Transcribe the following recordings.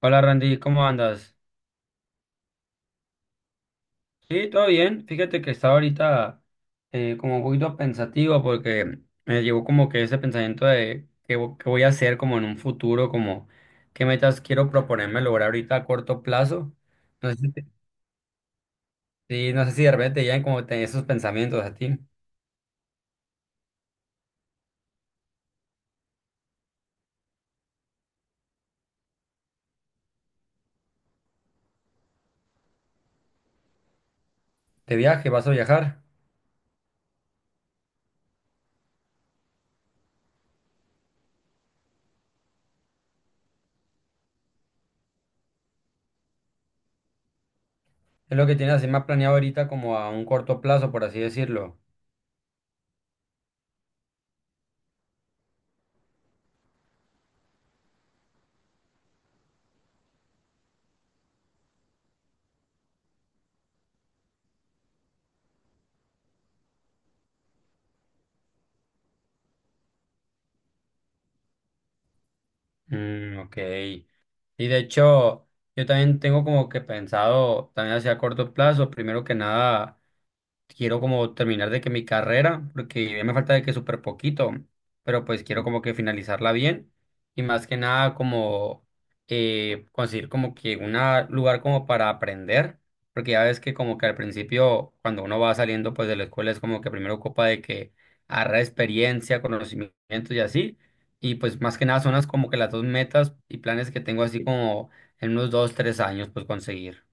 Hola Randy, ¿cómo andas? Sí, todo bien. Fíjate que estaba ahorita como un poquito pensativo porque me llegó como que ese pensamiento de qué voy a hacer como en un futuro, como qué metas quiero proponerme lograr ahorita a corto plazo. No sé si, te- sí, no sé si de repente te llegan esos pensamientos a ti. De viaje, vas a viajar. Es lo que tienes así más planeado ahorita como a un corto plazo, por así decirlo. Mm, ok. Y de hecho, yo también tengo como que pensado, también hacia corto plazo, primero que nada quiero como terminar de que mi carrera, porque ya me falta de que súper poquito, pero pues quiero como que finalizarla bien y más que nada como conseguir como que un lugar como para aprender, porque ya ves que como que al principio cuando uno va saliendo pues de la escuela es como que primero ocupa de que agarrar experiencia, conocimientos y así, y pues más que nada son las como que las dos metas y planes que tengo así como en unos dos, tres años pues conseguir.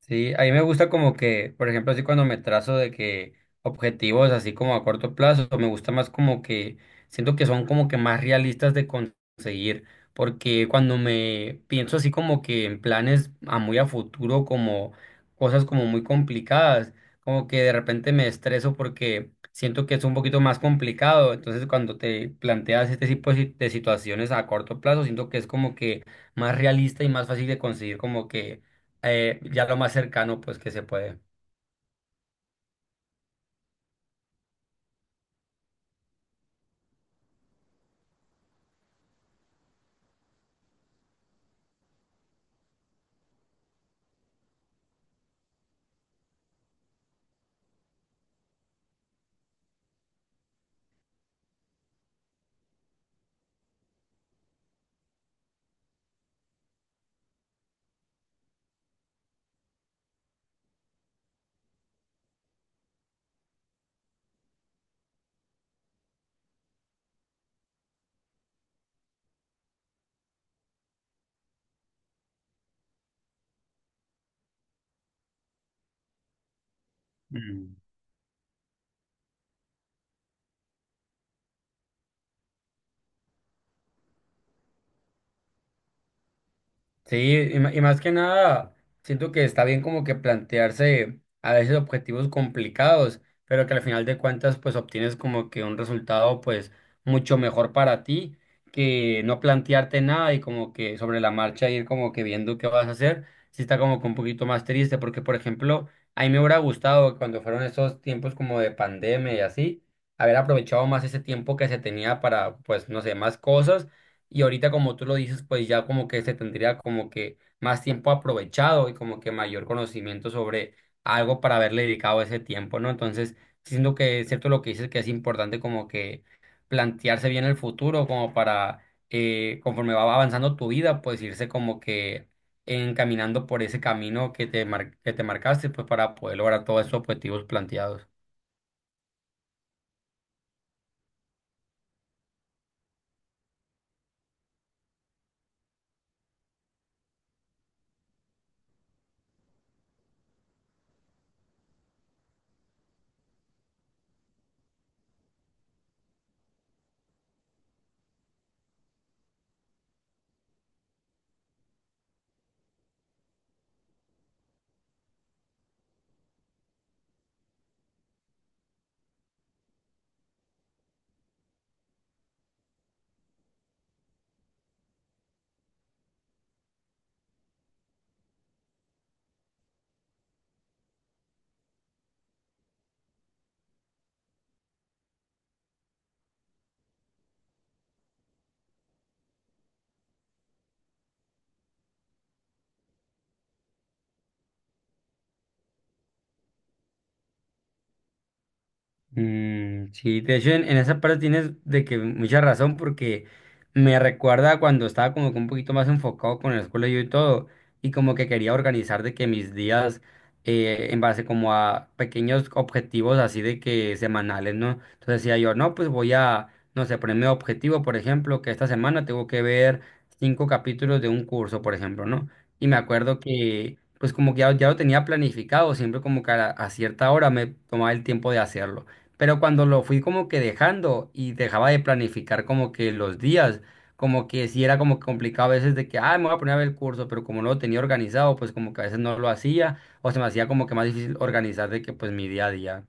Sí, a mí me gusta como que, por ejemplo, así cuando me trazo de que objetivos así como a corto plazo, me gusta más como que siento que son como que más realistas de conseguir, porque cuando me pienso así como que en planes a muy a futuro, como cosas como muy complicadas, como que de repente me estreso porque siento que es un poquito más complicado, entonces cuando te planteas este tipo de de situaciones a corto plazo, siento que es como que más realista y más fácil de conseguir como que ya lo más cercano pues que se puede. Mm. Sí, y más que nada, siento que está bien como que plantearse a veces objetivos complicados, pero que al final de cuentas pues obtienes como que un resultado pues mucho mejor para ti que no plantearte nada y como que sobre la marcha ir como que viendo qué vas a hacer, sí está como que un poquito más triste, porque por ejemplo, a mí me hubiera gustado cuando fueron esos tiempos como de pandemia y así, haber aprovechado más ese tiempo que se tenía para pues no sé, más cosas y ahorita, como tú lo dices, pues ya como que se tendría como que más tiempo aprovechado y como que mayor conocimiento sobre algo para haberle dedicado ese tiempo, ¿no? Entonces, siento que es cierto lo que dices, que es importante como que plantearse bien el futuro, como para, conforme va avanzando tu vida, pues irse como que encaminando por ese camino que te que te marcaste, pues para poder lograr todos esos objetivos planteados. Mm, sí, de hecho en esa parte tienes de que mucha razón porque me recuerda cuando estaba como que un poquito más enfocado con la escuela yo y todo y como que quería organizar de que mis días en base como a pequeños objetivos así de que semanales, ¿no? Entonces decía yo, no, no sé, ponerme objetivo, por ejemplo, que esta semana tengo que ver cinco capítulos de un curso, por ejemplo, ¿no? Y me acuerdo que pues como que ya lo tenía planificado, siempre como que a cierta hora me tomaba el tiempo de hacerlo. Pero cuando lo fui como que dejando y dejaba de planificar como que los días, como que sí era como que complicado a veces de que, ah, me voy a poner a ver el curso, pero como no lo tenía organizado, pues como que a veces no lo hacía o se me hacía como que más difícil organizar de que pues mi día a día.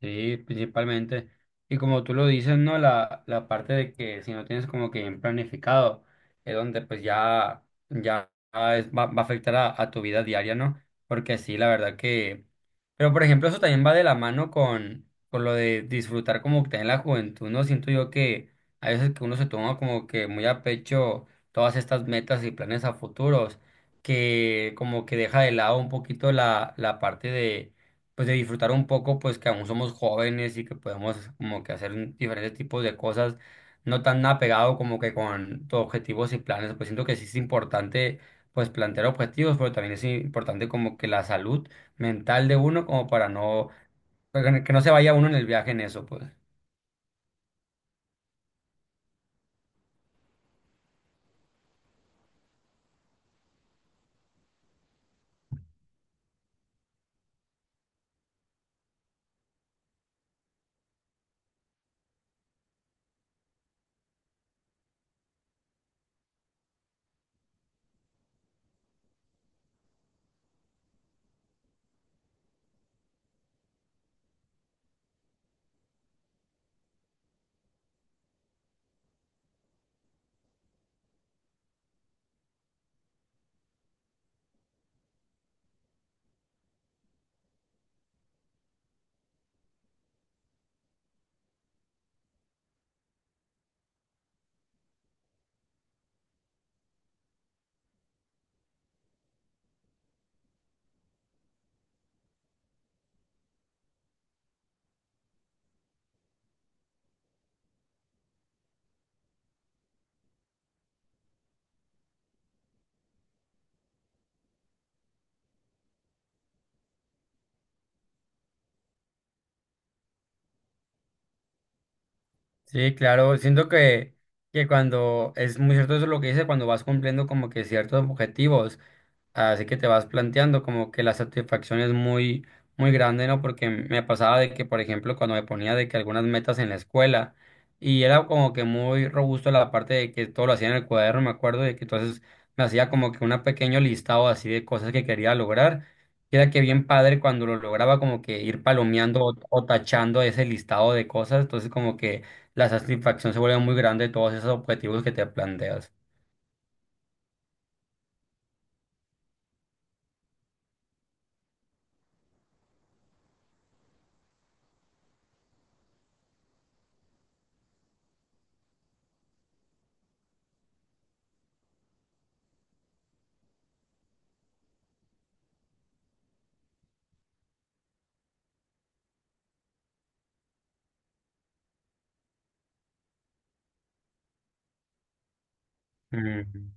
Sí, principalmente. Y como tú lo dices, ¿no? La parte de que si no tienes como que bien planificado, es donde pues ya, ya va a afectar a tu vida diaria, ¿no? Porque sí, la verdad que... Pero por ejemplo, eso también va de la mano con lo de disfrutar como que en la juventud, ¿no? Siento yo que a veces que uno se toma como que muy a pecho todas estas metas y planes a futuros, que como que deja de lado un poquito la parte de pues de disfrutar un poco, pues que aún somos jóvenes y que podemos como que hacer diferentes tipos de cosas, no tan apegado como que con tus objetivos y planes, pues siento que sí es importante pues plantear objetivos, pero también es importante como que la salud mental de uno como para no, para que no se vaya uno en el viaje en eso, pues. Sí, claro, siento que cuando es muy cierto eso lo que dice, cuando vas cumpliendo como que ciertos objetivos. Así que te vas planteando como que la satisfacción es muy, muy grande, ¿no? Porque me pasaba de que, por ejemplo, cuando me ponía de que algunas metas en la escuela, y era como que muy robusto la parte de que todo lo hacía en el cuaderno, me acuerdo de que entonces me hacía como que un pequeño listado así de cosas que quería lograr. Y era que bien padre cuando lo lograba como que ir palomeando o tachando ese listado de cosas, entonces como que la satisfacción se vuelve muy grande de todos esos objetivos que te planteas. Ujú.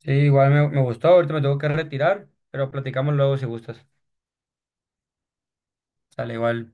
Sí, igual me gustó, ahorita me tengo que retirar, pero platicamos luego si gustas. Sale igual.